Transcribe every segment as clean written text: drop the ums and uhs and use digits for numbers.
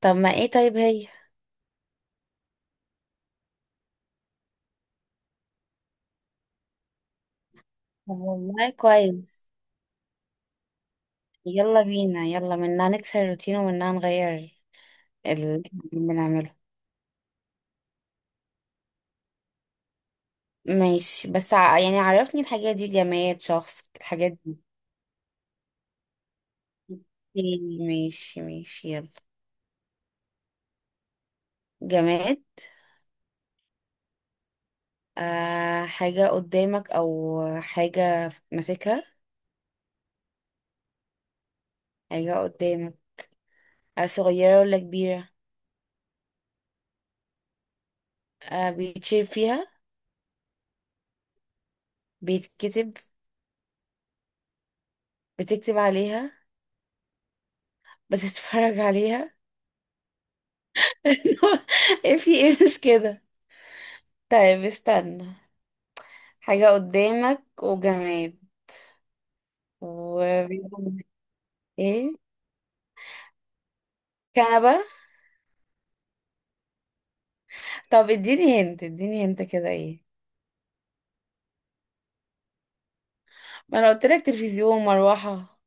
طب ما ايه؟ طيب هي. طب والله كويس. يلا بينا، يلا منها نكسر الروتين ومنها نغير اللي احنا بنعمله. ماشي، بس يعني عرفني، الحاجات دي جماد، شخص؟ الحاجات دي إيه، ماشي ماشي يلا. جماد. آه، حاجة قدامك أو حاجة ماسكها؟ حاجة قدامك. آه، صغيرة ولا كبيرة؟ آه، بيتشير فيها؟ بيتكتب؟ بتكتب عليها؟ بتتفرج عليها؟ إيه، في ايه، مش كده؟ طيب استنى. حاجة قدامك وجماد وبيكون ايه. كنبة؟ طب اديني هنت، اديني هنت كده ايه. ما انا قلت لك تلفزيون، مروحة.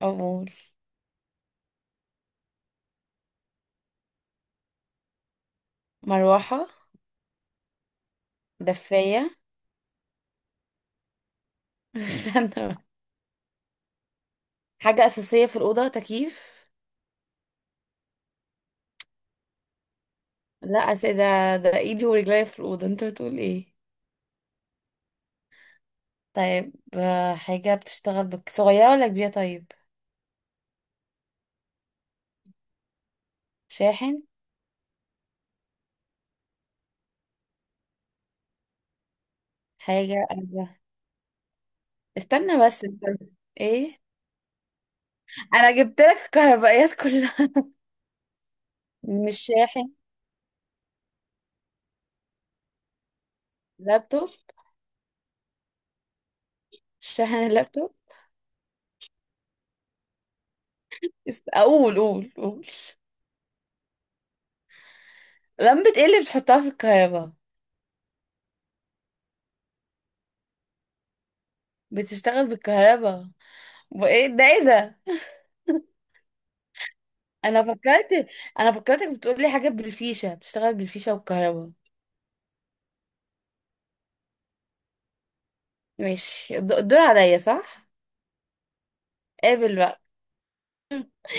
اقول. مروحة. دفاية. استنى بقى. حاجة أساسية في الأوضة، تكييف. لا أساسية ده، ده ايدي ورجلي في الأوضة، انت بتقول ايه؟ طيب حاجة بتشتغل بك، صغيرة ولا كبيرة طيب؟ شاحن. حاجة أربعة. استنى بس استنى. ايه؟ انا جبت لك الكهربائيات كلها. مش شاحن؟ لابتوب. شاحن اللابتوب. اقول قول قول. لمبة؟ ايه اللي بتحطها في الكهرباء؟ بتشتغل بالكهرباء. وايه ده، ايه ده؟ انا فكرت، انا فكرتك بتقول لي حاجة بالفيشة، بتشتغل بالفيشة والكهرباء. ماشي، الدور عليا صح؟ قابل بقى.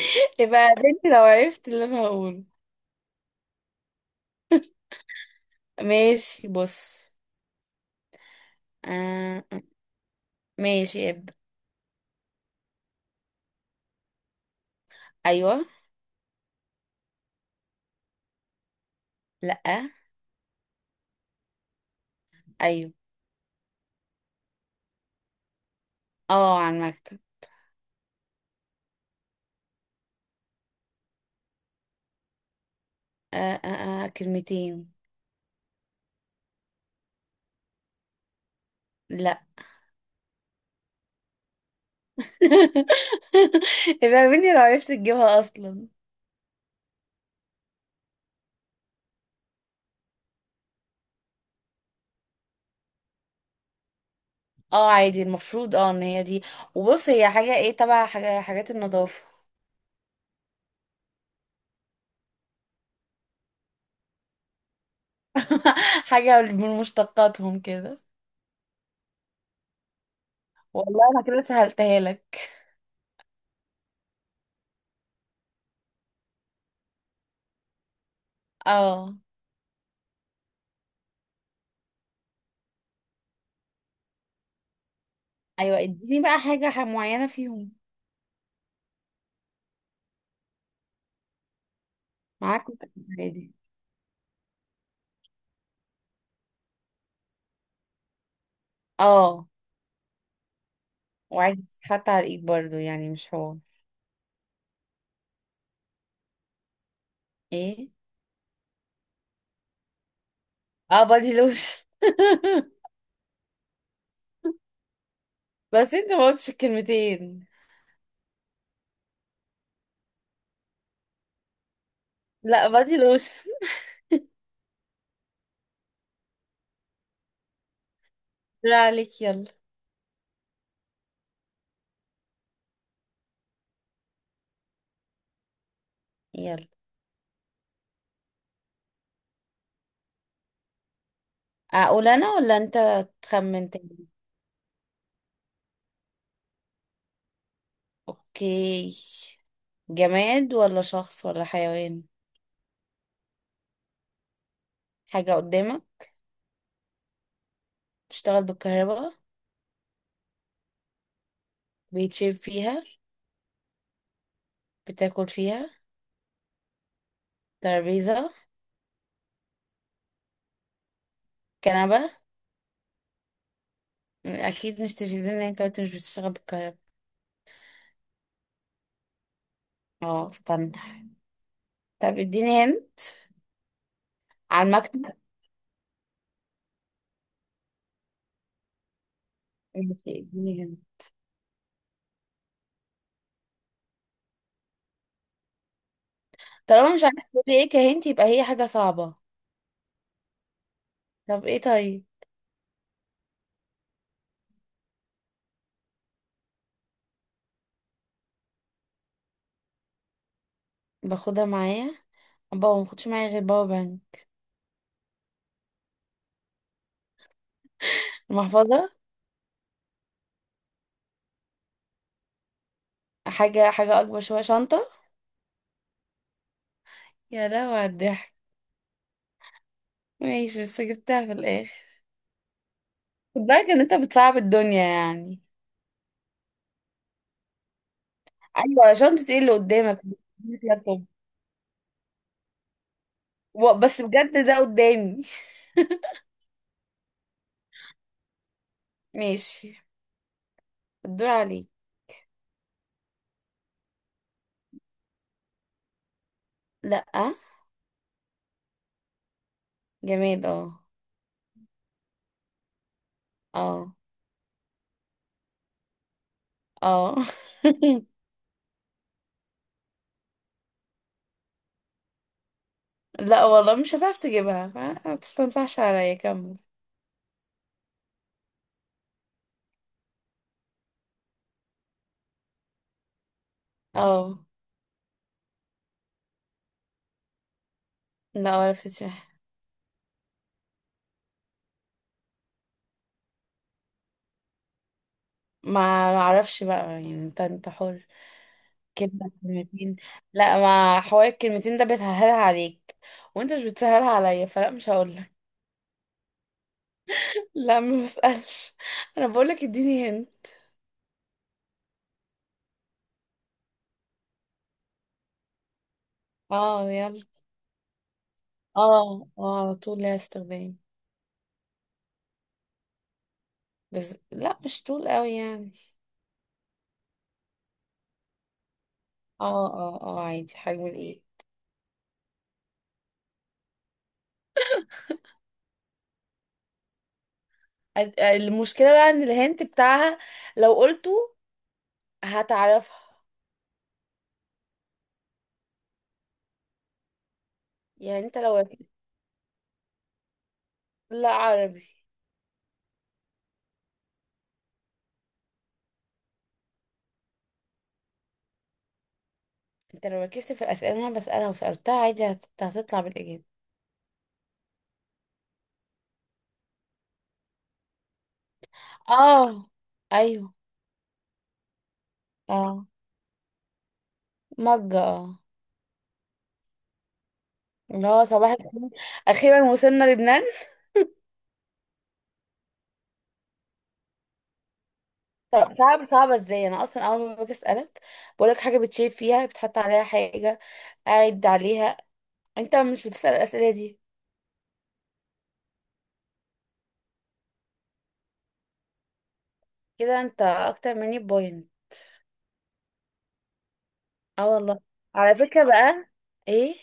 يبقى بنتي لو عرفت اللي انا هقوله. ماشي بص. آه. ماشي ابدأ. ايوه. لا. ايوه. اه، على المكتب. آه، آه، آه، كلمتين. لا. يبقى مني لو عرفت تجيبها اصلا. اه عادي المفروض، ان هي دي، وبص هي حاجة ايه، تبع حاجات النظافة. حاجة من مشتقاتهم كده. والله انا كده سهلتها لك. اه. ايوه، اديني بقى حاجة معينة فيهم. معاك. عادي. اه. وعادي بتتحط على الايد برضو، يعني مش هو. ايه. اه، بادي لوشن. بس انت ما قلتش الكلمتين. لا، بادي لوشن. لا عليك، يلا. يلا. اقول انا ولا انت تخمن تاني؟ اوكي. جماد ولا شخص ولا حيوان؟ حاجة قدامك؟ تشتغل بالكهرباء؟ بيتشرب فيها؟ بتاكل فيها؟ ترابيزة؟ كنبة؟ اكيد مش تلفزيون لان انت قلت مش بتشتغل بالكهرباء. اه، استنى. طب اديني هنت. على المكتب. ماشي، اديني هنت. طالما مش عارفة تقولي ايه كهنت، يبقى هي حاجة صعبة. طب ايه طيب. باخدها معايا. ما باخدش معايا غير باور بانك. المحفظة. حاجة أكبر شوية، شنطة. يا لهوي على الضحك. ماشي، بس جبتها في الآخر. خد بالك إن أنت بتصعب الدنيا يعني. أيوة شنطة، إيه اللي قدامك؟ لابتوب. بس بجد ده قدامي. ماشي. الدور عليك. لأ. جماد اه. اه. اه. لأ والله مش هتعرف تجيبها، ما تستنصحش عليا، كمل. اه. لأ ولا بتتشح. ما معرفش بقى، يعني انت، حر. كلمة كلمتين. لا، ما حوار الكلمتين ده بتسهلها عليك وانت مش بتسهلها عليا، فلا مش هقولك. لا ما بسألش، انا بقولك اديني هنا. اه يلا. اه اه، على طول ليها استخدام. بس لا، مش طول قوي يعني. اه اه اه، عادي حجم الايه. المشكلة بقى ان الهنت بتاعها لو قلته هتعرفها. يعني انت لو ركزت. لا، عربي. انت لو ركزت في الأسئلة اللي انا بسألها وسألتها عادي، هتطلع بالإجابة. اه. ايوه. اه. مجة اه. اللي هو صباح الفل. اخيرا وصلنا لبنان. طب صعبة ازاي؟ انا اصلا اول ما باجي اسألك بقولك حاجة بتشيف فيها، بتحط عليها حاجة، قاعد عليها، انت مش بتسأل الأسئلة دي. كده انت اكتر مني بوينت. اه والله. على فكرة بقى. ايه؟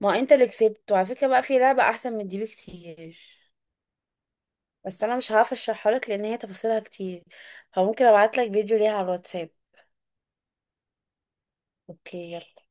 ما انت اللي كسبت، وعلى فكرة بقى، في لعبة احسن من دي بكتير، بس انا مش هعرف اشرحها لك لان هي تفاصيلها كتير، فممكن ابعت لك فيديو ليها على الواتساب. اوكي يلا.